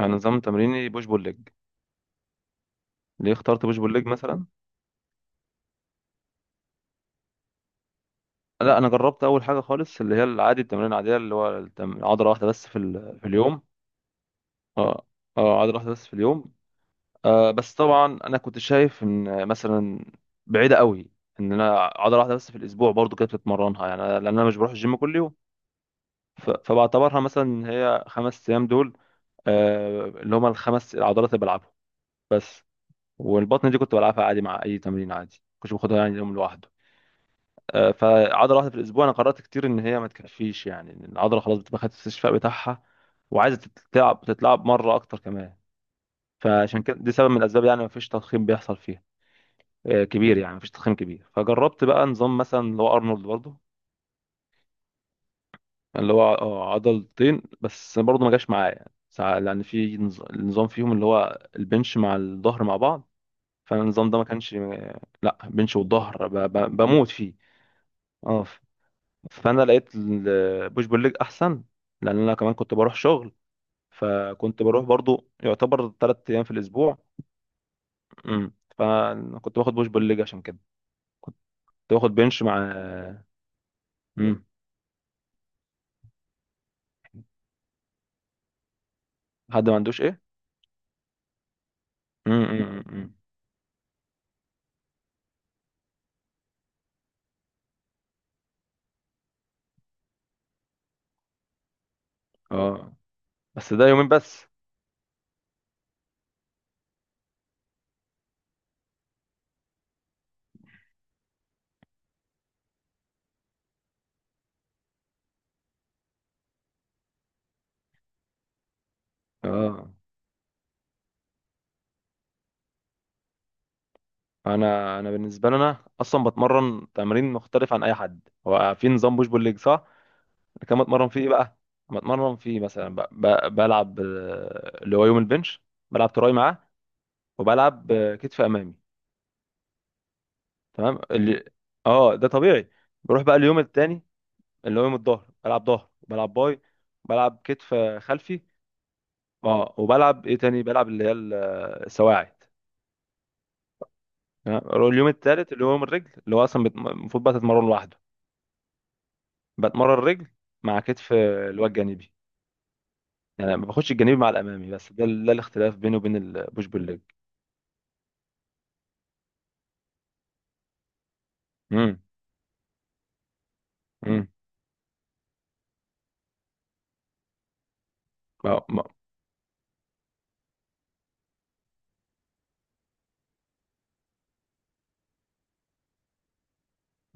انا نظام تمريني بوش بول ليج. ليه اخترت بوش بول ليج مثلا؟ لا، انا جربت اول حاجه خالص اللي هي العادي، التمرين العاديه اللي هو عضله واحده بس في اليوم. اه. اه، عضله واحده بس في اليوم. بس طبعا انا كنت شايف ان مثلا بعيده قوي، ان انا عضله واحده بس في الاسبوع برضو كده بتتمرنها يعني لان انا مش بروح الجيم كل يوم. فبعتبرها مثلا إن هي خمس ايام دول، آه اللي هما الخمس العضلات اللي بلعبهم بس. والبطن دي كنت بلعبها عادي مع اي تمرين عادي، كنتش باخدها يعني يوم لوحده. فعضله واحده في الاسبوع انا قررت كتير ان هي ما تكفيش، يعني ان العضله خلاص بتبقى خدت الاستشفاء بتاعها وعايزه تتلعب تتلعب مره اكتر كمان. فعشان كده دي سبب من الاسباب، يعني ما فيش تضخيم بيحصل فيها كبير. يعني ما فيش تضخيم كبير. فجربت بقى نظام مثلا اللي هو ارنولد برضه، اللي هو عضلتين بس. برضه ما جاش معايا يعني لان في نظام فيهم اللي هو البنش مع الظهر مع بعض. فالنظام ده ما كانش لا بنش والظهر بموت فيه. اه، فانا لقيت البوش بول ليج احسن، لان انا كمان كنت بروح شغل، فكنت بروح برضو يعتبر ثلاث ايام في الاسبوع. امم، فكنت باخد بوش بول ليج عشان كده. كنت باخد بنش مع. امم. حد ما عندوش ايه؟ امم. أمم، أمم. اه، بس ده يومين بس. اه، انا بالنسبه لي انا اصلا بتمرن تمرين مختلف عن اي حد. هو في نظام بوش بول ليج صح، أنا كمان بتمرن فيه إيه بقى. بتمرن فيه مثلا بلعب اللي هو يوم البنش. بلعب تراي معاه وبلعب كتف امامي. تمام اللي. اه ده طبيعي. بروح بقى اليوم التاني اللي هو يوم الظهر. بلعب ظهر، بلعب باي، بلعب كتف خلفي. اه، وبلعب ايه تاني؟ بلعب اللي هي السواعد. تمام. اليوم التالت اللي هو يوم الرجل اللي هو اصلا المفروض بقى تتمرن لوحده. بتمرن الرجل مع كتف اللي هو الجانبي. يعني ما باخدش الجانبي مع الامامي. بس ده الاختلاف بيني وبين البوش بول ليج. امم. امم. اه ما-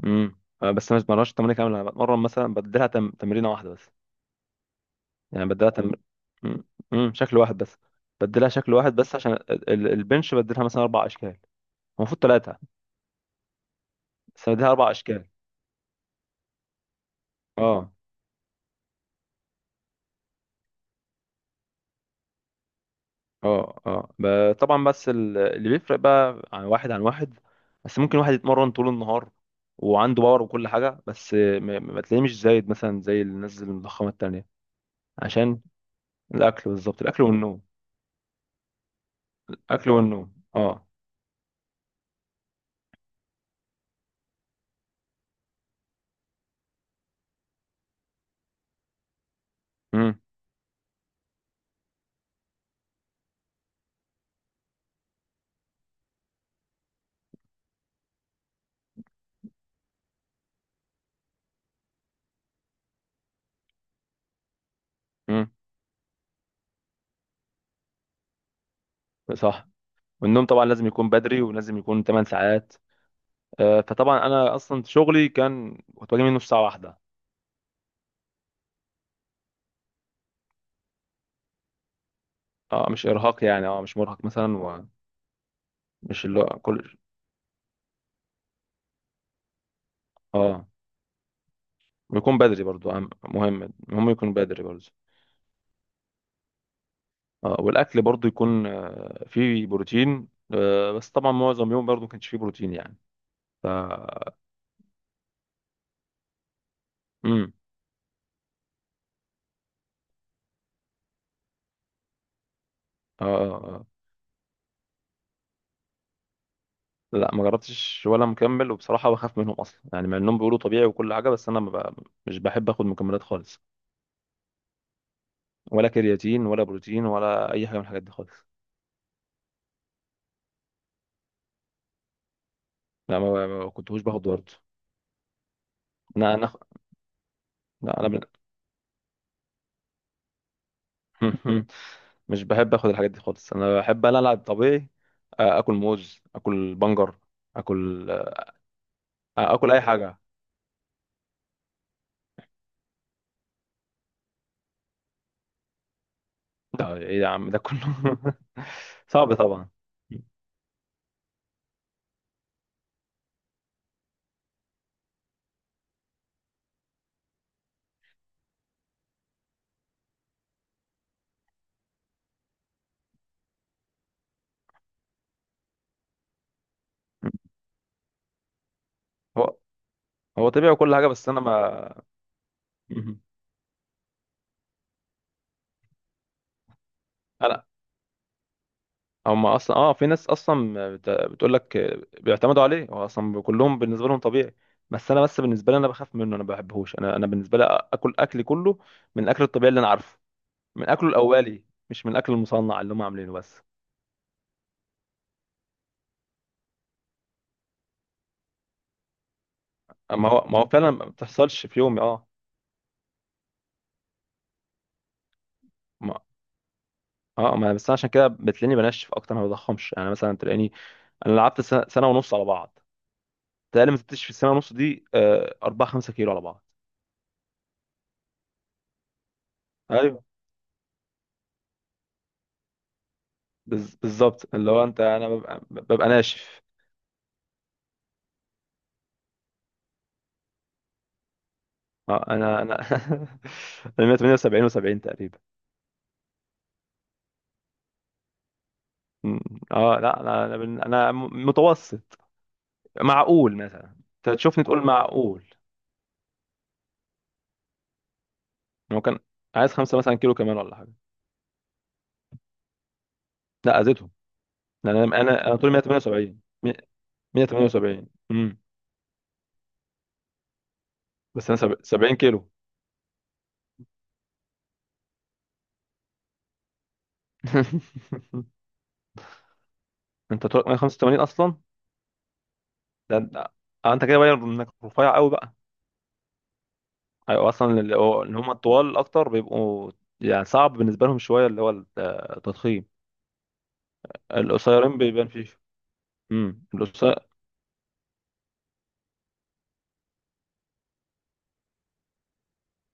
امم. بس انا ما بتمرنش تمرين كامل، انا بتمرن مثلا بديلها تمرينه واحده بس. يعني مم. مم. شكل واحد بس. بدلها شكل واحد بس عشان البنش بدلها مثلا اربع اشكال. المفروض ثلاثه بس بدلها اربع اشكال. اه. اه. اه طبعا. بس اللي بيفرق بقى عن واحد عن واحد، بس ممكن واحد يتمرن طول النهار وعنده باور وكل حاجه، بس ما تلاقيه مش زايد مثلا زي الناس المضخمه التانيه. عشان الاكل. بالظبط، الاكل والنوم. الاكل والنوم اه. امم. امم. صح. والنوم طبعا لازم يكون بدري، ولازم يكون 8 ساعات. فطبعا انا اصلا شغلي كان كنت باجي منه الساعه واحدة. اه، مش ارهاق يعني. اه، مش مرهق مثلا ومش. اللي هو كل. اه ويكون بدري برضو مهم. المهم يكون بدري برضو. اه، والاكل برضو يكون فيه بروتين. بس طبعا معظم يوم برضو ما كانش فيه بروتين يعني. ف امم. اه. لا ما جربتش ولا مكمل، وبصراحه بخاف منهم اصلا يعني. مع انهم بيقولوا طبيعي وكل حاجه، بس انا ما ب... مش بحب اخد مكملات خالص. ولا كرياتين ولا بروتين ولا اي حاجه من الحاجات دي خالص. لا ما كنتوش باخد برضه. انا لا انا من... مش بحب اخد الحاجات دي خالص، انا بحب انا العب طبيعي. اكل موز، اكل بنجر، اكل اكل اي حاجه. ده ايه يا عم ده كله! صعب طبعا. هو هو طبيعي وكل حاجه بس انا ما. انا. هم اصلا اه في ناس اصلا بتقول لك بيعتمدوا عليه، هو اصلا كلهم بالنسبه لهم طبيعي. بس انا بس بالنسبه لي انا بخاف منه، انا ما بحبهوش. انا بالنسبه لي اكل اكلي كله من الاكل الطبيعي اللي انا عارفه، من اكله الاولي، مش من الاكل المصنع اللي هم عاملينه بس. ما هو فعلا ما بتحصلش في يومي اه. ما. اه ما بس أنا عشان كده بتلاقيني بنشف اكتر ما بضخمش، يعني مثلا تلاقيني. انا لعبت سنة ونص على بعض تقريبا. ما زدتش في السنه ونص دي 4 5 كيلو على بعض. ايوه. بالظبط اللي هو انت. انا ببقى ناشف. اه، انا انا 178 و70 تقريبا. م- اه لا لا، انا انا متوسط. معقول مثلا؟ انت تشوفني تقول معقول. هو كان عايز خمسة مثلا كيلو كمان ولا حاجة. لا، أذيتهم. لأن أنا طولي 178. امم. بس أنا 70 كيلو. أنت طولك 185 أصلا. ده ده- أنت كده باين إنك رفيع قوي بقى. أيوة، أصلا اللي هم الطوال أكتر بيبقوا يعني صعب بالنسبة لهم شوية اللي هو التضخيم. القصيرين بيبان فيه. امم. القصير.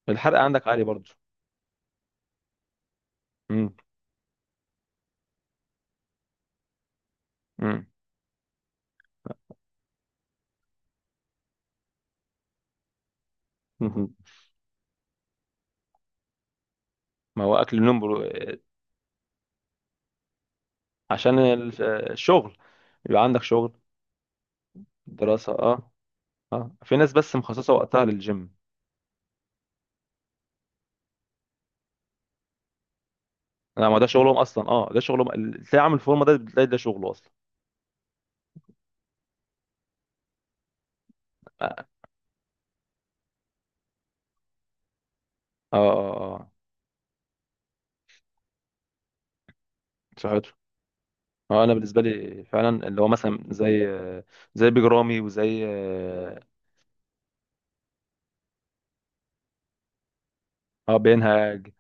الحرق عندك عالي برضه. امم. امم. ما هو عشان الشغل. يبقى عندك شغل. دراسة اه. اه في ناس بس مخصصه وقتها للجيم. لا ما ده شغلهم اصلا. اه ده شغلهم تلاقي عامل فورمه، ده بتلاقي ده شغله اصلا. اه. اه. اه. صحته. اه انا بالنسبه لي فعلا اللي هو مثلا زي، زي بيج رامي وزي اه بينهج.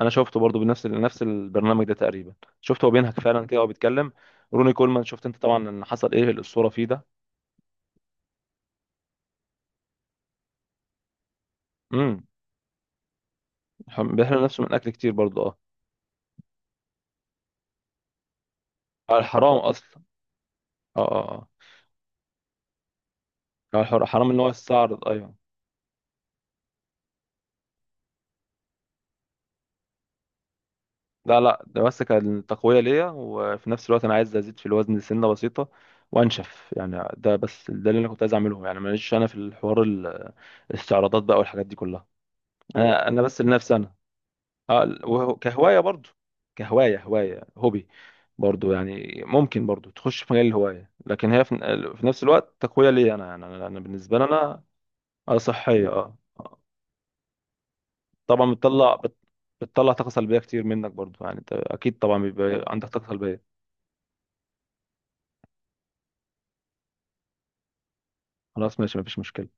انا شفته برضو بنفس نفس البرنامج ده تقريبا، شفته هو بينهج فعلا كده وهو بيتكلم. روني كولمان شفت انت طبعا ان حصل ايه الاسطوره فيه ده. امم. بيحرم نفسه من اكل كتير برضو اه. الحرام اصلا. اه. اه. اه حرام ان هو يستعرض، ايوه. لا لا ده بس كان تقوية ليا، وفي نفس الوقت أنا عايز أزيد في الوزن سنة بسيطة وأنشف يعني. ده بس ده اللي أنا كنت عايز أعمله يعني. ماليش أنا في الحوار الاستعراضات بقى والحاجات دي كلها. مم. أنا بس لنفسي أنا. أه وهو، كهواية برضو، كهواية، هواية، هوبي برضو يعني. ممكن برضو تخش في مجال الهواية، لكن هي في، في نفس الوقت تقوية ليا أنا. يعني أنا بالنسبة لي أنا. أه صحية، أه آه. طبعا بتطلع طاقة سلبية كتير منك برضو. يعني أنت أكيد طبعا بيبقى عندك طاقة سلبية. خلاص ماشي، مفيش مشكلة.